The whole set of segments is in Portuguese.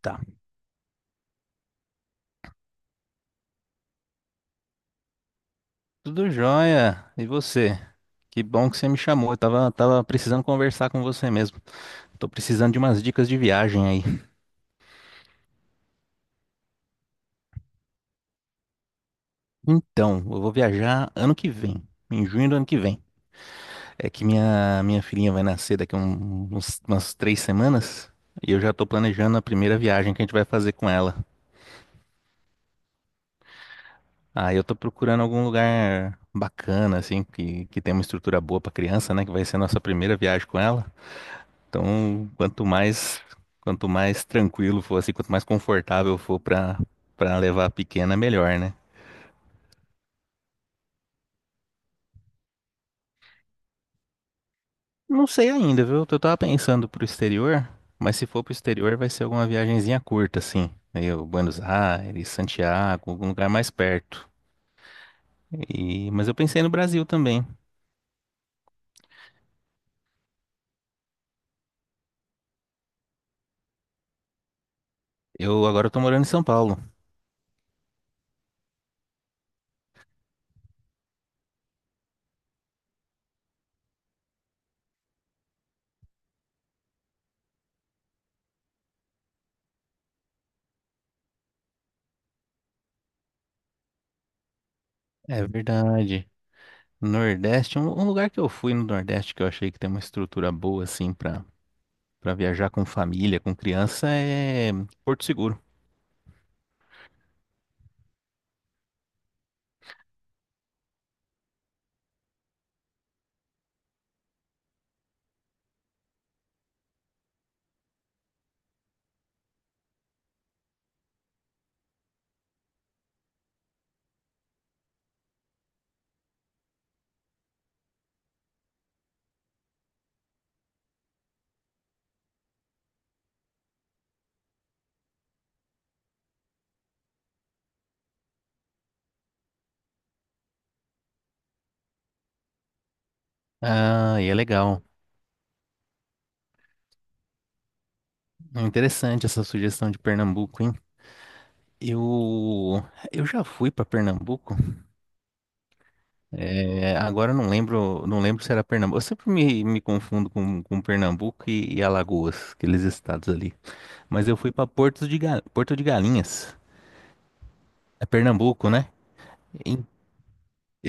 Tá, tudo jóia. E você? Que bom que você me chamou. Eu tava precisando conversar com você mesmo. Tô precisando de umas dicas de viagem aí. Então, eu vou viajar ano que vem, em junho do ano que vem. É que minha filhinha vai nascer daqui a umas 3 semanas e eu já tô planejando a primeira viagem que a gente vai fazer com ela. Aí eu tô procurando algum lugar bacana, assim, que tem uma estrutura boa pra criança, né? Que vai ser a nossa primeira viagem com ela. Então, quanto mais tranquilo for, assim, quanto mais confortável for para levar a pequena, melhor, né? Não sei ainda, viu? Eu tava pensando pro exterior, mas se for pro exterior vai ser alguma viagenzinha curta, assim. Aí, o Buenos Aires, Santiago, algum lugar mais perto. E, mas eu pensei no Brasil também. Eu agora tô morando em São Paulo. É verdade. Nordeste, um lugar que eu fui no Nordeste que eu achei que tem uma estrutura boa, assim, pra viajar com família, com criança, é Porto Seguro. Ah, e é legal. É interessante essa sugestão de Pernambuco, hein? Eu, eu já fui para Pernambuco. É, agora eu não lembro se era Pernambuco. Eu sempre me confundo com Pernambuco e Alagoas, aqueles estados ali. Mas eu fui para Porto de Galinhas, é Pernambuco, né? E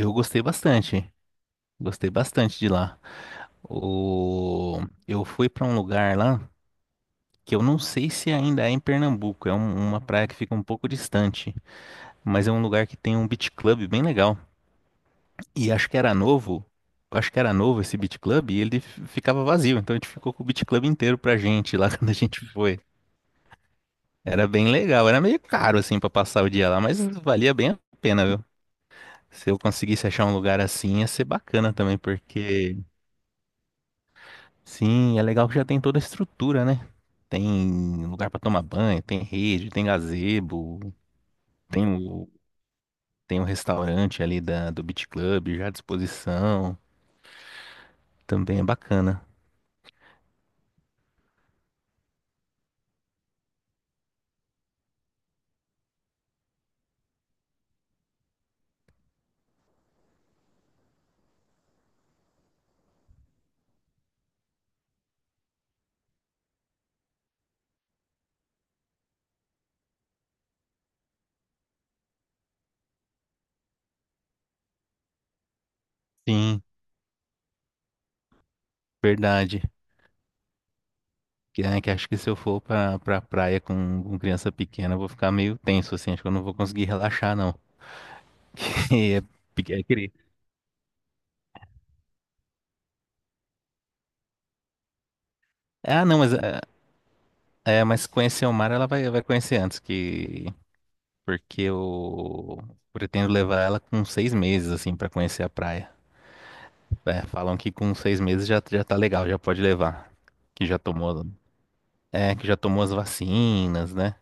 eu gostei bastante. Gostei bastante de lá. O, eu fui para um lugar lá que eu não sei se ainda é em Pernambuco. É uma praia que fica um pouco distante. Mas é um lugar que tem um beat club bem legal. E acho que era novo, esse beat club, e ele ficava vazio, então a gente ficou com o beat club inteiro pra gente lá quando a gente foi. Era bem legal, era meio caro assim pra passar o dia lá, mas valia bem a pena, viu? Se eu conseguisse achar um lugar assim, ia ser bacana também, porque sim, é legal que já tem toda a estrutura, né? Tem lugar pra tomar banho, tem rede, tem gazebo, tem o, tem o restaurante ali do Beach Club já à disposição. Também é bacana. Sim, verdade. Que acho que se eu for pra praia com criança pequena, eu vou ficar meio tenso, assim. Acho que eu não vou conseguir relaxar, não. Que é, é querer. Ah, não, mas, mas conhecer o mar ela vai conhecer antes que. Porque eu pretendo levar ela com 6 meses, assim, pra conhecer a praia. É, falam que com 6 meses já tá legal, já pode levar. Que já tomou. É, que já tomou as vacinas, né?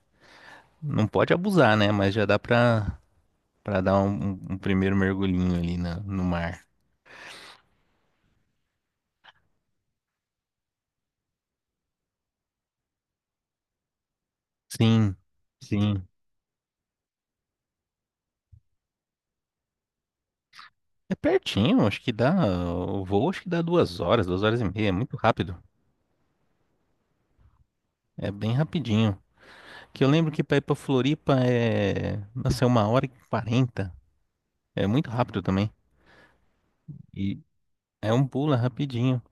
Não pode abusar, né? Mas já dá pra dar um primeiro mergulhinho ali no mar. Sim, sim. É pertinho, acho que dá. O voo acho que dá 2 horas, 2 horas e meia. É muito rápido. É bem rapidinho. Que eu lembro que pra ir pra Floripa é. Nossa, é 1 hora e 40. É muito rápido também. E é um pulo é rapidinho.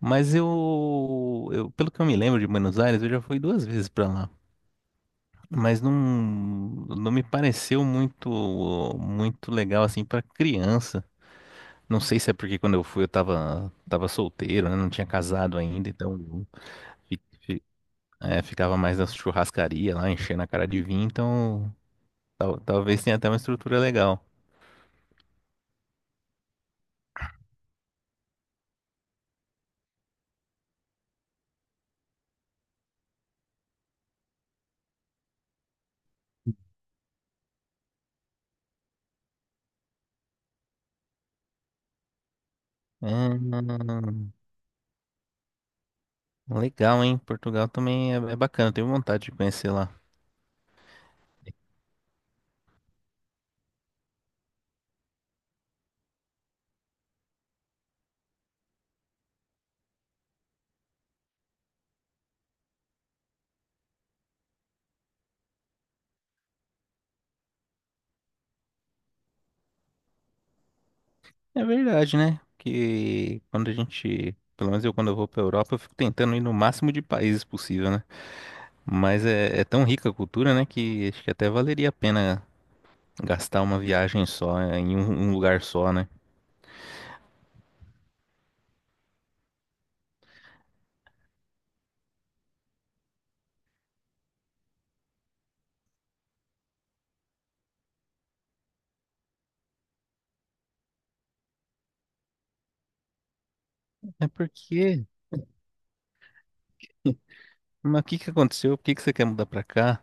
Mas eu. Pelo que eu me lembro de Buenos Aires, eu já fui 2 vezes pra lá. Mas não me pareceu muito, muito legal assim pra criança. Não sei se é porque quando eu fui eu tava solteiro, né? Não tinha casado ainda, então fi- fi- ficava mais na churrascaria lá, enchendo a cara de vinho, então talvez tenha até uma estrutura legal. Hum, Legal, hein? Portugal também é bacana, tenho vontade de conhecer lá. É verdade, né? Que quando a gente, pelo menos eu quando eu vou pra Europa, eu fico tentando ir no máximo de países possível, né? Mas é tão rica a cultura, né? Que acho que até valeria a pena gastar uma viagem só, em um lugar só, né? É porque. Mas o que que aconteceu? Por que que você quer mudar pra cá?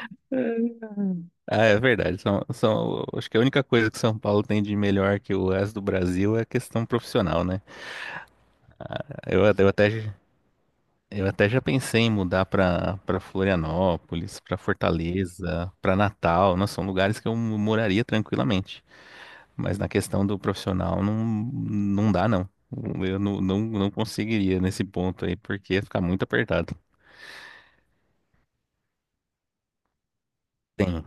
Ah, é verdade. Acho que a única coisa que São Paulo tem de melhor que o resto do Brasil é a questão profissional, né? Eu, eu até, já- eu até já pensei em mudar para Florianópolis, para Fortaleza, para Natal. Nossa, são lugares que eu moraria tranquilamente. Mas na questão do profissional, não dá, não. Eu não conseguiria nesse ponto aí, porque ia ficar muito apertado. Tem.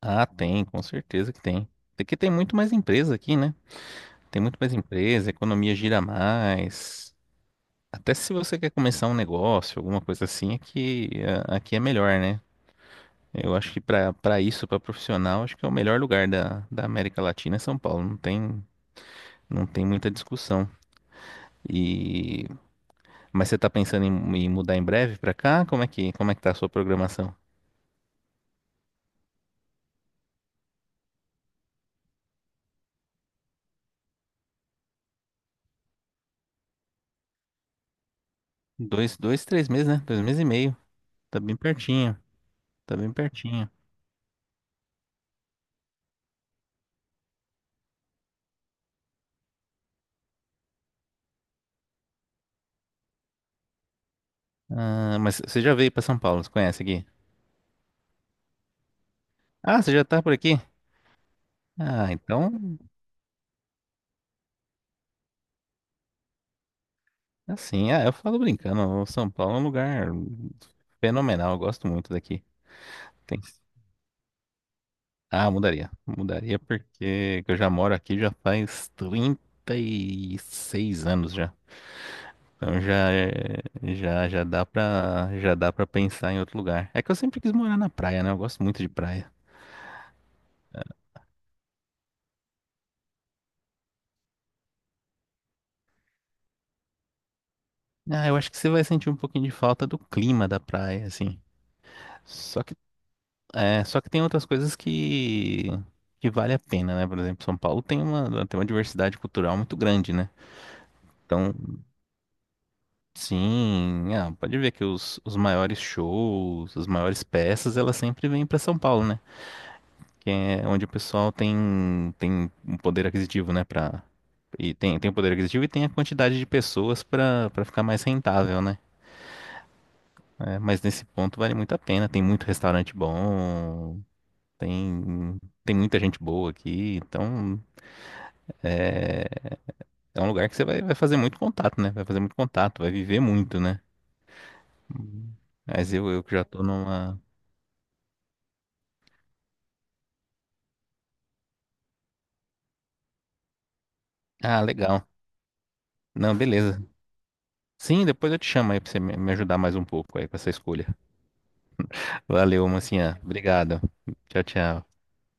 Ah, tem, com certeza que tem. Porque tem muito mais empresa aqui, né? Tem muito mais empresa, a economia gira mais. Até se você quer começar um negócio, alguma coisa assim, aqui, aqui é melhor, né? Eu acho que para isso, para profissional, acho que é o melhor lugar da América Latina é São Paulo. Não tem muita discussão. E mas você tá pensando em, em mudar em breve para cá? Como é que tá a sua programação? Dois, dois, 3 meses, né? 2 meses e meio. Tá bem pertinho. Tá bem pertinho. Ah, mas você já veio pra São Paulo, você conhece aqui? Ah, você já tá por aqui? Ah, então, assim, eu falo brincando, o São Paulo é um lugar fenomenal, eu gosto muito daqui. Tem... Ah, mudaria. Mudaria porque eu já moro aqui já faz 36 anos já. Então já dá para pensar em outro lugar. É que eu sempre quis morar na praia, né? Eu gosto muito de praia. Ah, eu acho que você vai sentir um pouquinho de falta do clima da praia, assim. Só só que tem outras coisas que vale a pena, né? Por exemplo, São Paulo tem uma diversidade cultural muito grande, né? Então, sim, pode ver que os maiores shows, as maiores peças, elas sempre vêm para São Paulo, né? Que é onde o pessoal tem um poder aquisitivo, né? E tem, tem, o poder aquisitivo e tem a quantidade de pessoas para ficar mais rentável, né? É, mas nesse ponto vale muito a pena, tem muito restaurante bom, tem, tem muita gente boa aqui, então. É, é um lugar que você vai fazer muito contato, né? Vai fazer muito contato, vai viver muito, né? Uhum. Mas eu que já tô numa. Ah, legal. Não, beleza. Sim, depois eu te chamo aí pra você me ajudar mais um pouco aí com essa escolha. Valeu, mocinha. Obrigado. Tchau, tchau.